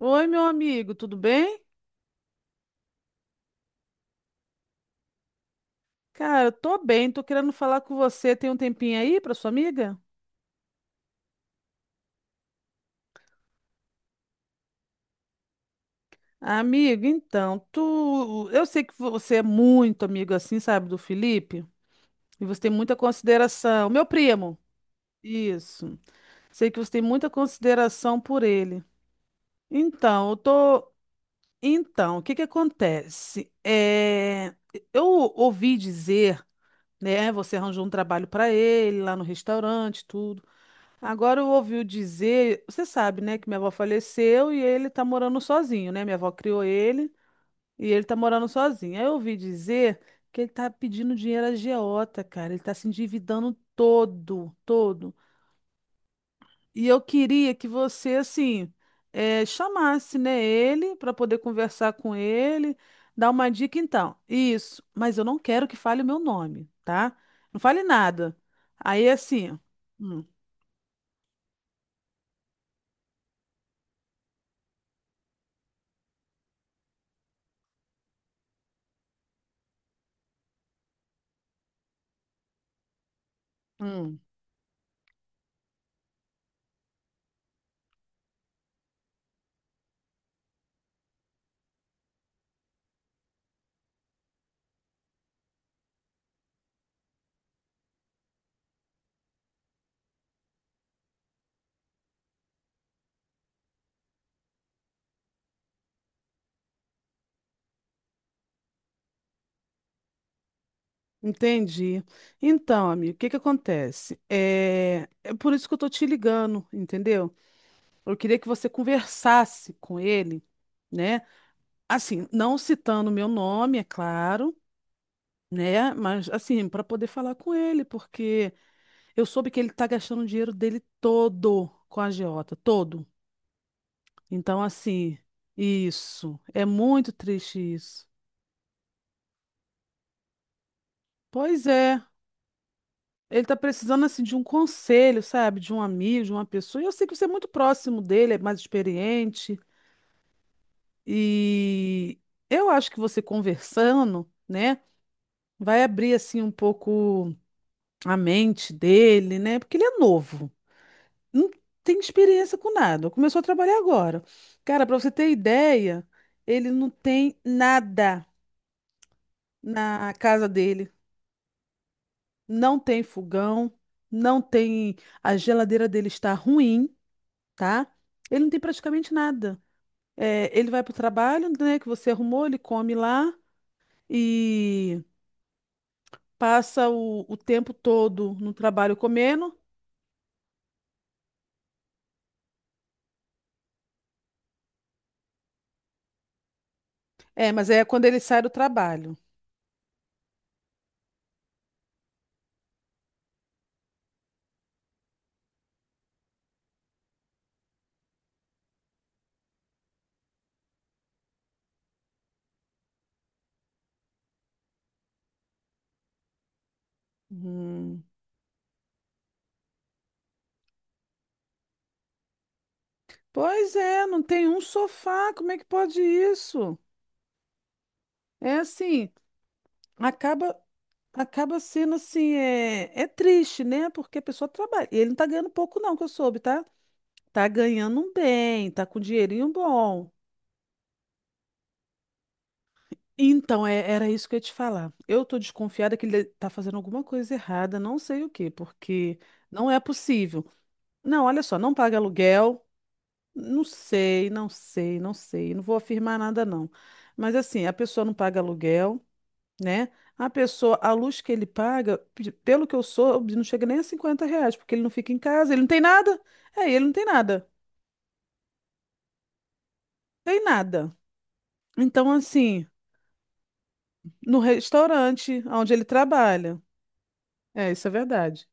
Oi, meu amigo, tudo bem? Cara, eu tô bem, tô querendo falar com você. Tem um tempinho aí pra sua amiga? Amigo, então, tu, eu sei que você é muito amigo assim, sabe, do Felipe, e você tem muita consideração. Meu primo, isso. Sei que você tem muita consideração por ele. Então, eu tô, então, o que que acontece? Eu ouvi dizer, né, você arranjou um trabalho pra ele lá no restaurante, tudo. Agora eu ouviu dizer, você sabe, né, que minha avó faleceu e ele tá morando sozinho, né? Minha avó criou ele e ele tá morando sozinho. Aí eu ouvi dizer que ele tá pedindo dinheiro à agiota, cara. Ele tá se endividando todo. E eu queria que você, assim, chamasse, né, ele para poder conversar com ele, dar uma dica então. Isso, mas eu não quero que fale o meu nome, tá? Não fale nada. Aí, assim, hum, hum. Entendi. Então, amigo, o que que acontece? É, é por isso que eu tô te ligando, entendeu? Eu queria que você conversasse com ele, né? Assim, não citando meu nome, é claro, né? Mas assim, para poder falar com ele, porque eu soube que ele tá gastando o dinheiro dele todo com a agiota, todo. Então, assim, isso. É muito triste isso. Pois é. Ele tá precisando assim de um conselho, sabe? De um amigo, de uma pessoa. E eu sei que você é muito próximo dele, é mais experiente. E eu acho que você conversando, né, vai abrir assim um pouco a mente dele, né? Porque ele é novo, não tem experiência com nada. Começou a trabalhar agora. Cara, para você ter ideia, ele não tem nada na casa dele. Não tem fogão, não tem. A geladeira dele está ruim, tá? Ele não tem praticamente nada. É, ele vai para o trabalho, né, que você arrumou, ele come lá e passa o tempo todo no trabalho comendo. É, mas é quando ele sai do trabalho. Hum. Pois é, não tem um sofá, como é que pode isso? É assim, acaba acaba sendo assim, é, é triste, né? Porque a pessoa trabalha. E ele não tá ganhando pouco não, que eu soube, tá? Tá ganhando um bem, tá com dinheirinho bom. Então, era isso que eu ia te falar. Eu tô desconfiada que ele tá fazendo alguma coisa errada, não sei o quê, porque não é possível. Não, olha só, não paga aluguel, não sei, não sei, não sei, não vou afirmar nada, não. Mas assim, a pessoa não paga aluguel, né? A pessoa, a luz que ele paga, pelo que eu soube, não chega nem a R$ 50, porque ele não fica em casa, ele não tem nada. É, ele não tem nada, tem nada. Então, assim, no restaurante onde ele trabalha. É, isso é verdade.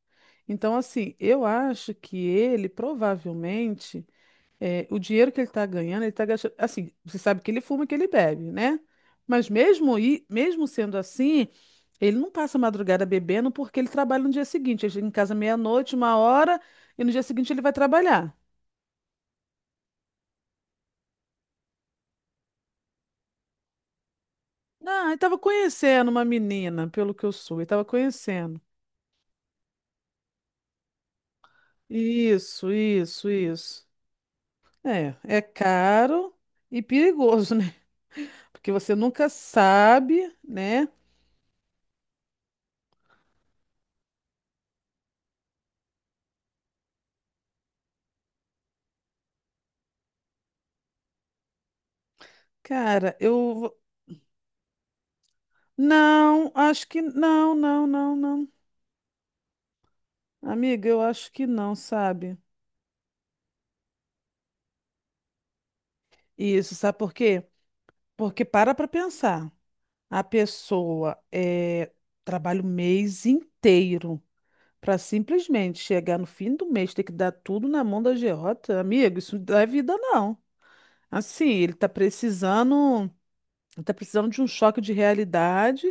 Então, assim, eu acho que ele provavelmente, é, o dinheiro que ele está ganhando, ele está gastando. Assim, você sabe que ele fuma, que ele bebe, né? Mas mesmo sendo assim, ele não passa a madrugada bebendo porque ele trabalha no dia seguinte. Ele chega em casa meia-noite, uma hora, e no dia seguinte ele vai trabalhar. Não, ele estava conhecendo uma menina, pelo que eu soube, ele estava conhecendo. Isso, isso, isso. É, é caro e perigoso, né? Porque você nunca sabe, né? Cara, eu. vou- Não, acho que. Não, não, não, não. Amiga, eu acho que não, sabe? Isso, sabe por quê? Porque para pra pensar. A pessoa é, trabalha o mês inteiro para simplesmente chegar no fim do mês, ter que dar tudo na mão da Gerota. Amigo, isso não é vida, não. Assim, ele tá precisando. Tá precisando de um choque de realidade,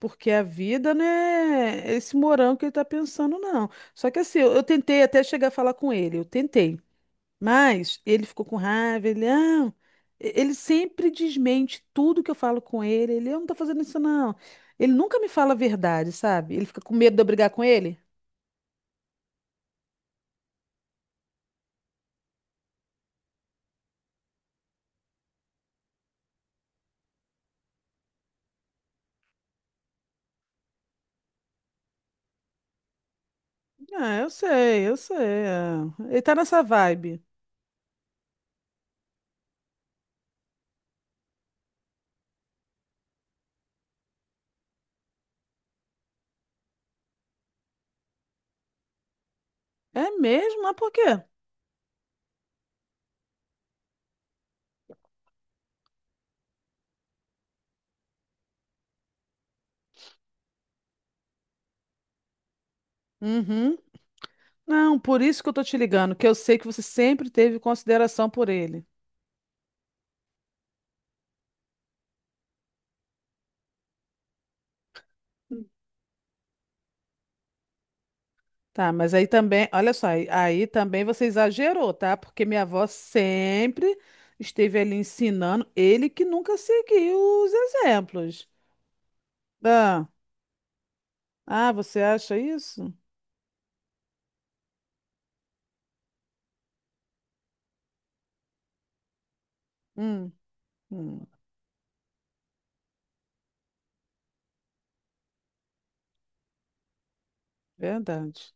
porque a vida não é esse morango que ele tá pensando, não. Só que assim, eu tentei até chegar a falar com ele, eu tentei. Mas ele ficou com raiva, ele, não. Ele sempre desmente tudo que eu falo com ele. Ele, eu não tô fazendo isso, não. Ele nunca me fala a verdade, sabe? Ele fica com medo de eu brigar com ele. Ah, eu sei, eu sei. É. Ele tá nessa vibe. É mesmo? Mas por quê? Uhum. Não, por isso que eu tô te ligando, que eu sei que você sempre teve consideração por ele. Tá, mas aí também, olha só, aí também você exagerou, tá? Porque minha avó sempre esteve ali ensinando, ele que nunca seguiu os exemplos. Ah, ah, você acha isso? Hum, hum, verdade.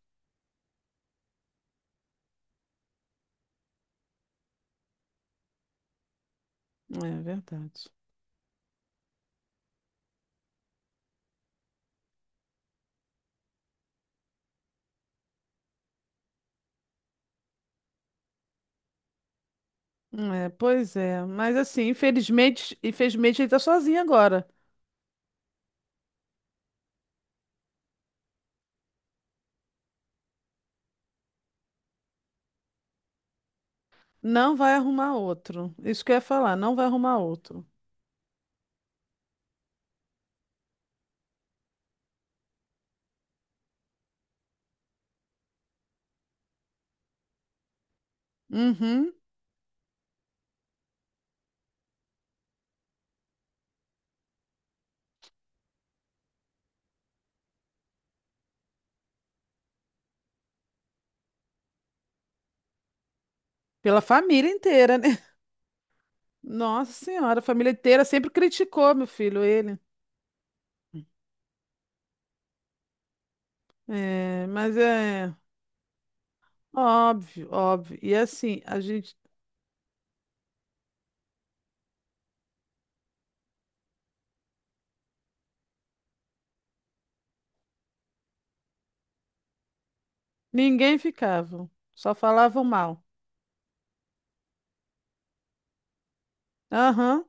É verdade. É, pois é, mas assim, infelizmente, infelizmente ele tá sozinho agora. Não vai arrumar outro. Isso que eu ia falar, não vai arrumar outro. Uhum. Pela família inteira, né? Nossa Senhora, a família inteira sempre criticou meu filho, ele. É, mas é óbvio, óbvio. E assim, a gente, ninguém ficava, só falavam mal. Aham.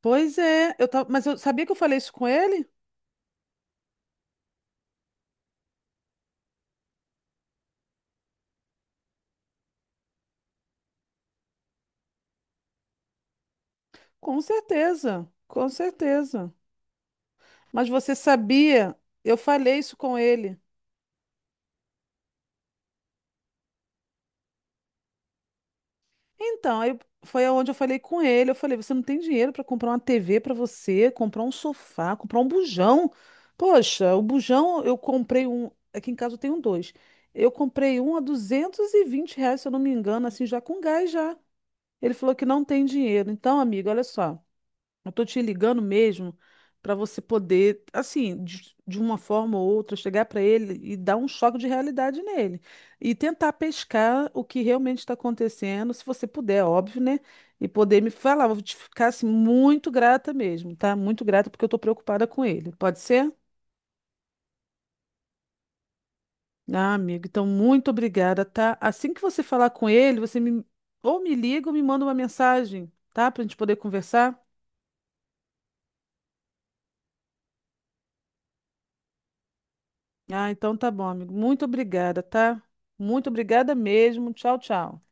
Pois é, eu tava, mas eu sabia que eu falei isso com ele? Com certeza, com certeza. Mas você sabia? Eu falei isso com ele. Então, aí foi onde eu falei com ele. Eu falei: você não tem dinheiro para comprar uma TV para você, comprar um sofá, comprar um bujão. Poxa, o bujão eu comprei um. Aqui em casa eu tenho dois. Eu comprei um a R$ 220, se eu não me engano, assim, já com gás já. Ele falou que não tem dinheiro. Então, amiga, olha só. Eu tô te ligando mesmo para você poder, assim, de uma forma ou outra, chegar para ele e dar um choque de realidade nele. E tentar pescar o que realmente está acontecendo, se você puder, é óbvio, né? E poder me falar. Vou te ficar, assim, muito grata mesmo, tá? Muito grata porque eu tô preocupada com ele. Pode ser? Ah, amigo, então muito obrigada, tá? Assim que você falar com ele, você me ou me liga ou me manda uma mensagem, tá? Pra gente poder conversar. Ah, então tá bom, amigo. Muito obrigada, tá? Muito obrigada mesmo. Tchau, tchau.